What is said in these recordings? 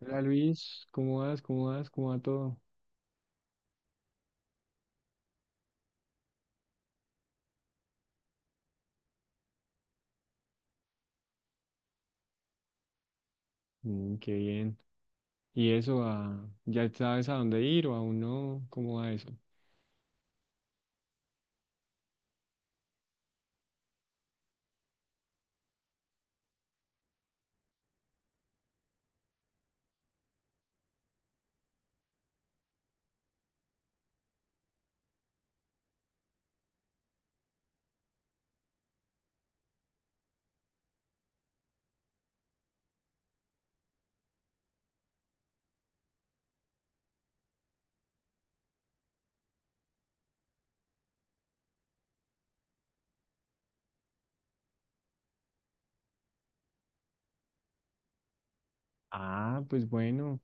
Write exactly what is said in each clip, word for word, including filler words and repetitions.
Hola Luis, ¿cómo vas? ¿Cómo vas? ¿Cómo va todo? Mm, qué bien. ¿Y eso, a- ya sabes a dónde ir o aún no? ¿Cómo va eso? Ah, pues bueno.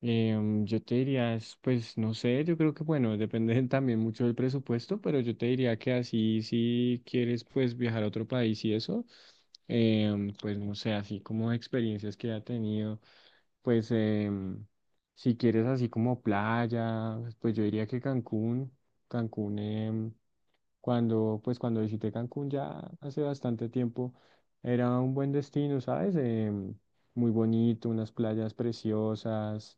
Em, yo te diría, es, pues no sé, yo creo que bueno, depende también mucho del presupuesto, pero yo te diría que así si quieres pues viajar a otro país y eso, em, pues no sé, así como experiencias que ha tenido, pues em, si quieres así como playa, pues yo diría que Cancún, Cancún, em, cuando pues cuando visité Cancún ya hace bastante tiempo, era un buen destino, ¿sabes? Em, muy bonito, unas playas preciosas.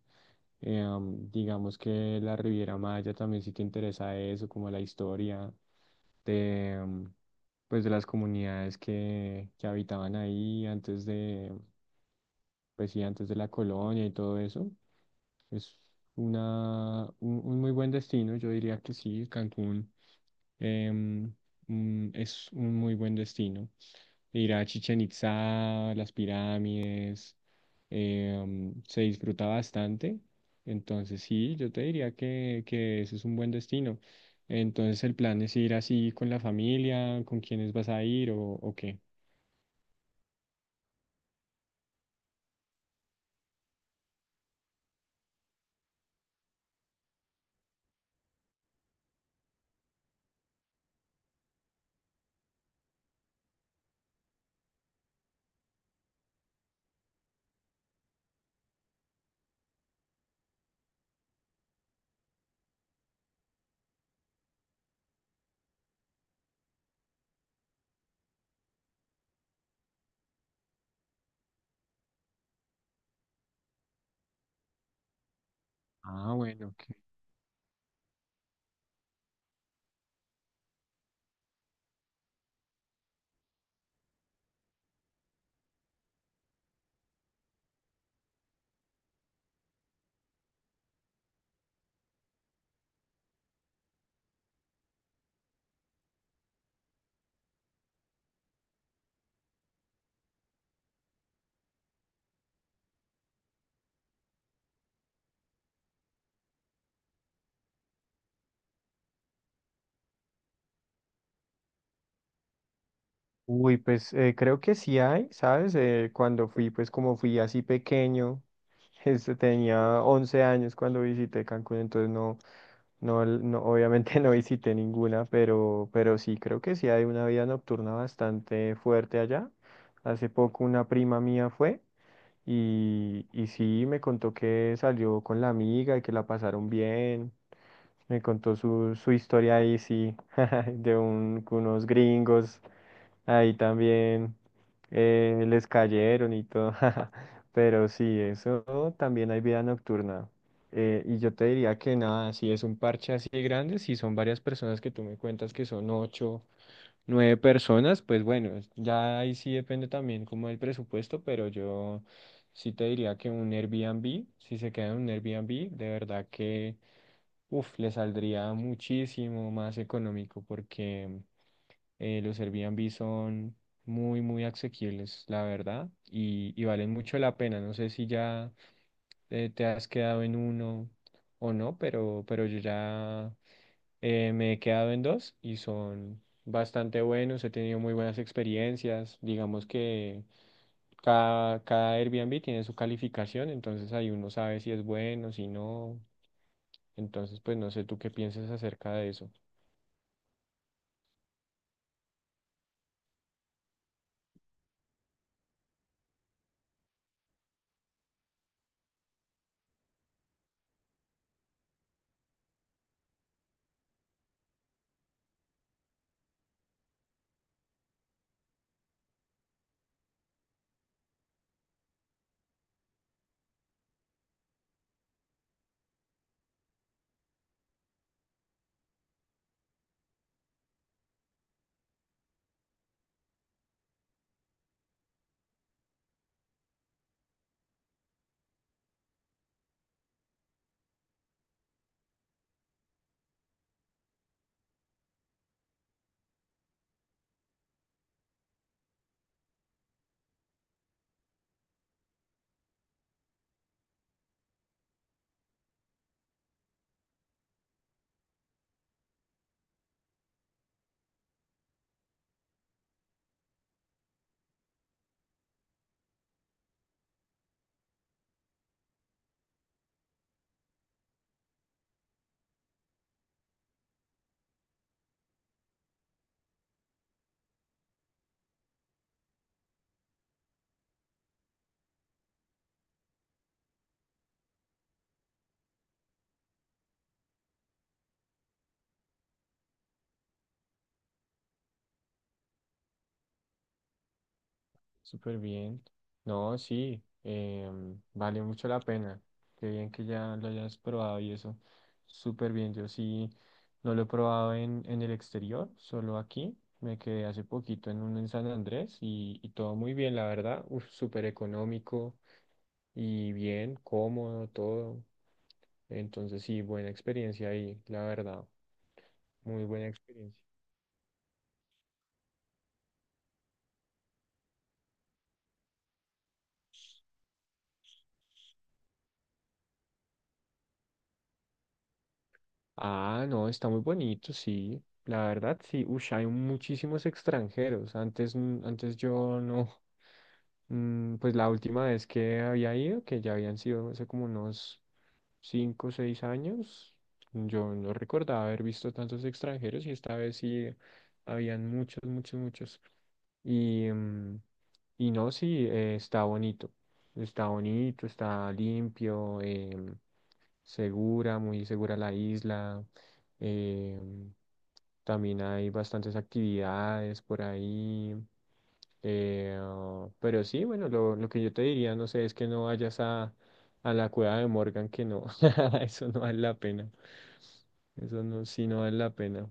eh, am, digamos que la Riviera Maya también sí te interesa eso, como la historia de, am, pues de las comunidades que, que habitaban ahí antes de, pues sí, antes de la colonia y todo eso. Es una, un, un muy buen destino, yo diría que sí, Cancún em, mm, es un muy buen destino. Ir a Chichen Itzá, las pirámides, em, se disfruta bastante. Entonces sí, yo te diría que, que ese es un buen destino. Entonces el plan es ir así con la familia, ¿con quiénes vas a ir o, o qué? Ah, bueno, ok. Uy, pues eh, creo que sí hay, ¿sabes? Eh, cuando fui, pues como fui así pequeño, este, tenía once años cuando visité Cancún, entonces no, no, no, obviamente no visité ninguna, pero, pero sí, creo que sí hay una vida nocturna bastante fuerte allá. Hace poco una prima mía fue y, y sí me contó que salió con la amiga y que la pasaron bien. Me contó su, su historia ahí, sí, de un- unos gringos ahí también eh, les cayeron y todo. Pero sí, eso también hay vida nocturna. Eh, y yo te diría que nada, si es un parche así grande, si son varias personas que tú me cuentas que son ocho, nueve personas, pues bueno, es- ya ahí sí depende también como el presupuesto, pero yo sí te diría que un Airbnb, si se queda en un Airbnb, de verdad que, uff, le saldría muchísimo más económico porque... Eh, los Airbnb son muy, muy asequibles, la verdad, y, y valen mucho la pena. No sé si ya eh, te has quedado en uno o no, pero, pero yo ya eh, me he quedado en dos y son bastante buenos. He tenido muy buenas experiencias. Digamos que cada, cada Airbnb tiene su calificación, entonces ahí uno sabe si es bueno, si no. Entonces, pues no sé tú qué piensas acerca de eso. Súper bien. No, sí, em, vale mucho la pena. Qué bien que ya lo hayas probado y eso. Súper bien. Yo sí no lo he probado en, en el exterior, solo aquí. Me quedé hace poquito en un en San Andrés y, y todo muy bien, la verdad. Uf, súper económico y bien, cómodo, todo. Entonces sí, buena experiencia ahí, la verdad. Muy buena experiencia. Ah, no, está muy bonito, sí. La verdad, sí. Ush, hay muchísimos extranjeros. Antes, n- antes yo no. mm, Pues la última vez que había ido, que ya habían sido hace como unos cinco o seis años, yo no recordaba haber visto tantos extranjeros y esta vez sí habían muchos, muchos, muchos. Y, mm, y no, sí, eh, está bonito, está bonito, está limpio, em, segura, muy segura la isla. em, también hay bastantes actividades por ahí. Eh, ah, pero sí, bueno, lo, lo que yo te diría, no sé, es que no vayas a, a la cueva de Morgan, que no, eso no vale la pena. Eso no, sí no vale la pena.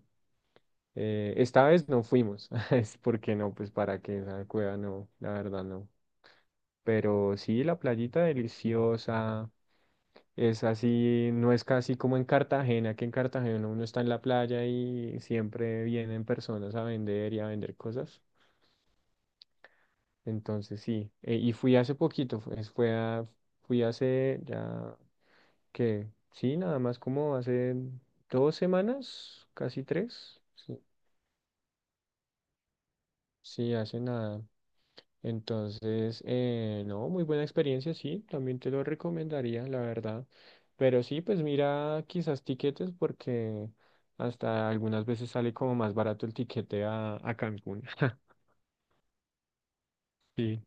Eh, esta vez no fuimos, es porque no, pues para qué esa cueva no, la verdad no. Pero sí, la playita deliciosa, es así, no es casi como en Cartagena, que en Cartagena uno está en la playa y siempre vienen personas a vender y a vender cosas. Entonces sí, eh, y fui hace poquito, fue, es- fue a- fui hace ya qué sí, nada más como hace dos semanas, casi tres, sí, sí, hace nada. Entonces, eh, no, muy buena experiencia, sí, también te lo recomendaría, la verdad. Pero sí, pues mira quizás tiquetes porque hasta algunas veces sale como más barato el tiquete a, a Cancún. Sí,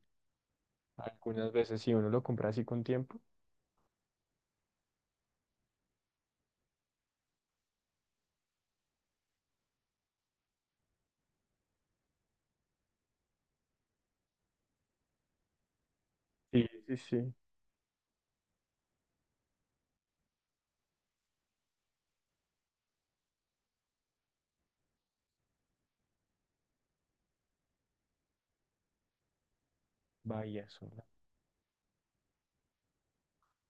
algunas veces si uno lo compra así con tiempo. Sí, sí, sí. Vaya.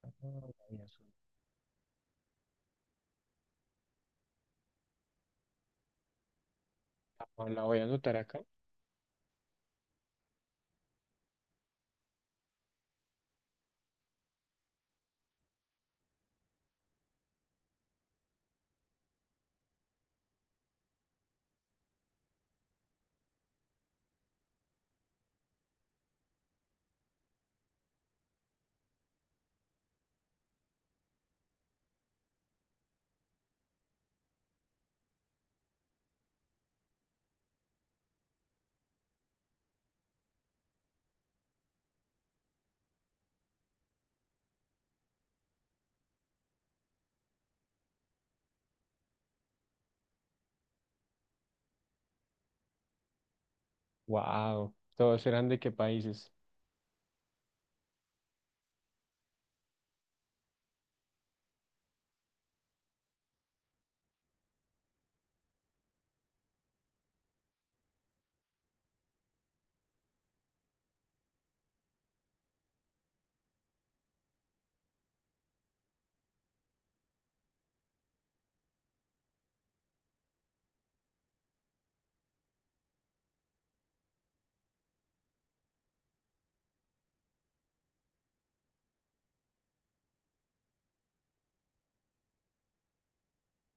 Voy a anotar- Ah, la voy a anotar acá. Wow, todos eran de qué países.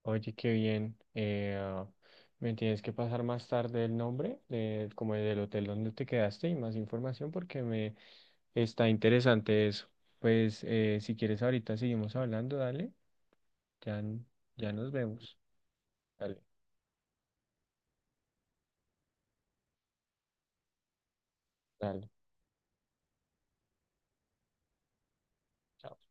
Oye, qué bien. Eh, ah, me tienes que pasar más tarde el nombre, de, como del hotel donde te quedaste y más información porque me está interesante eso. Pues eh, si quieres ahorita seguimos hablando, dale. Ya, n- ya nos vemos. Dale, dale. Chao.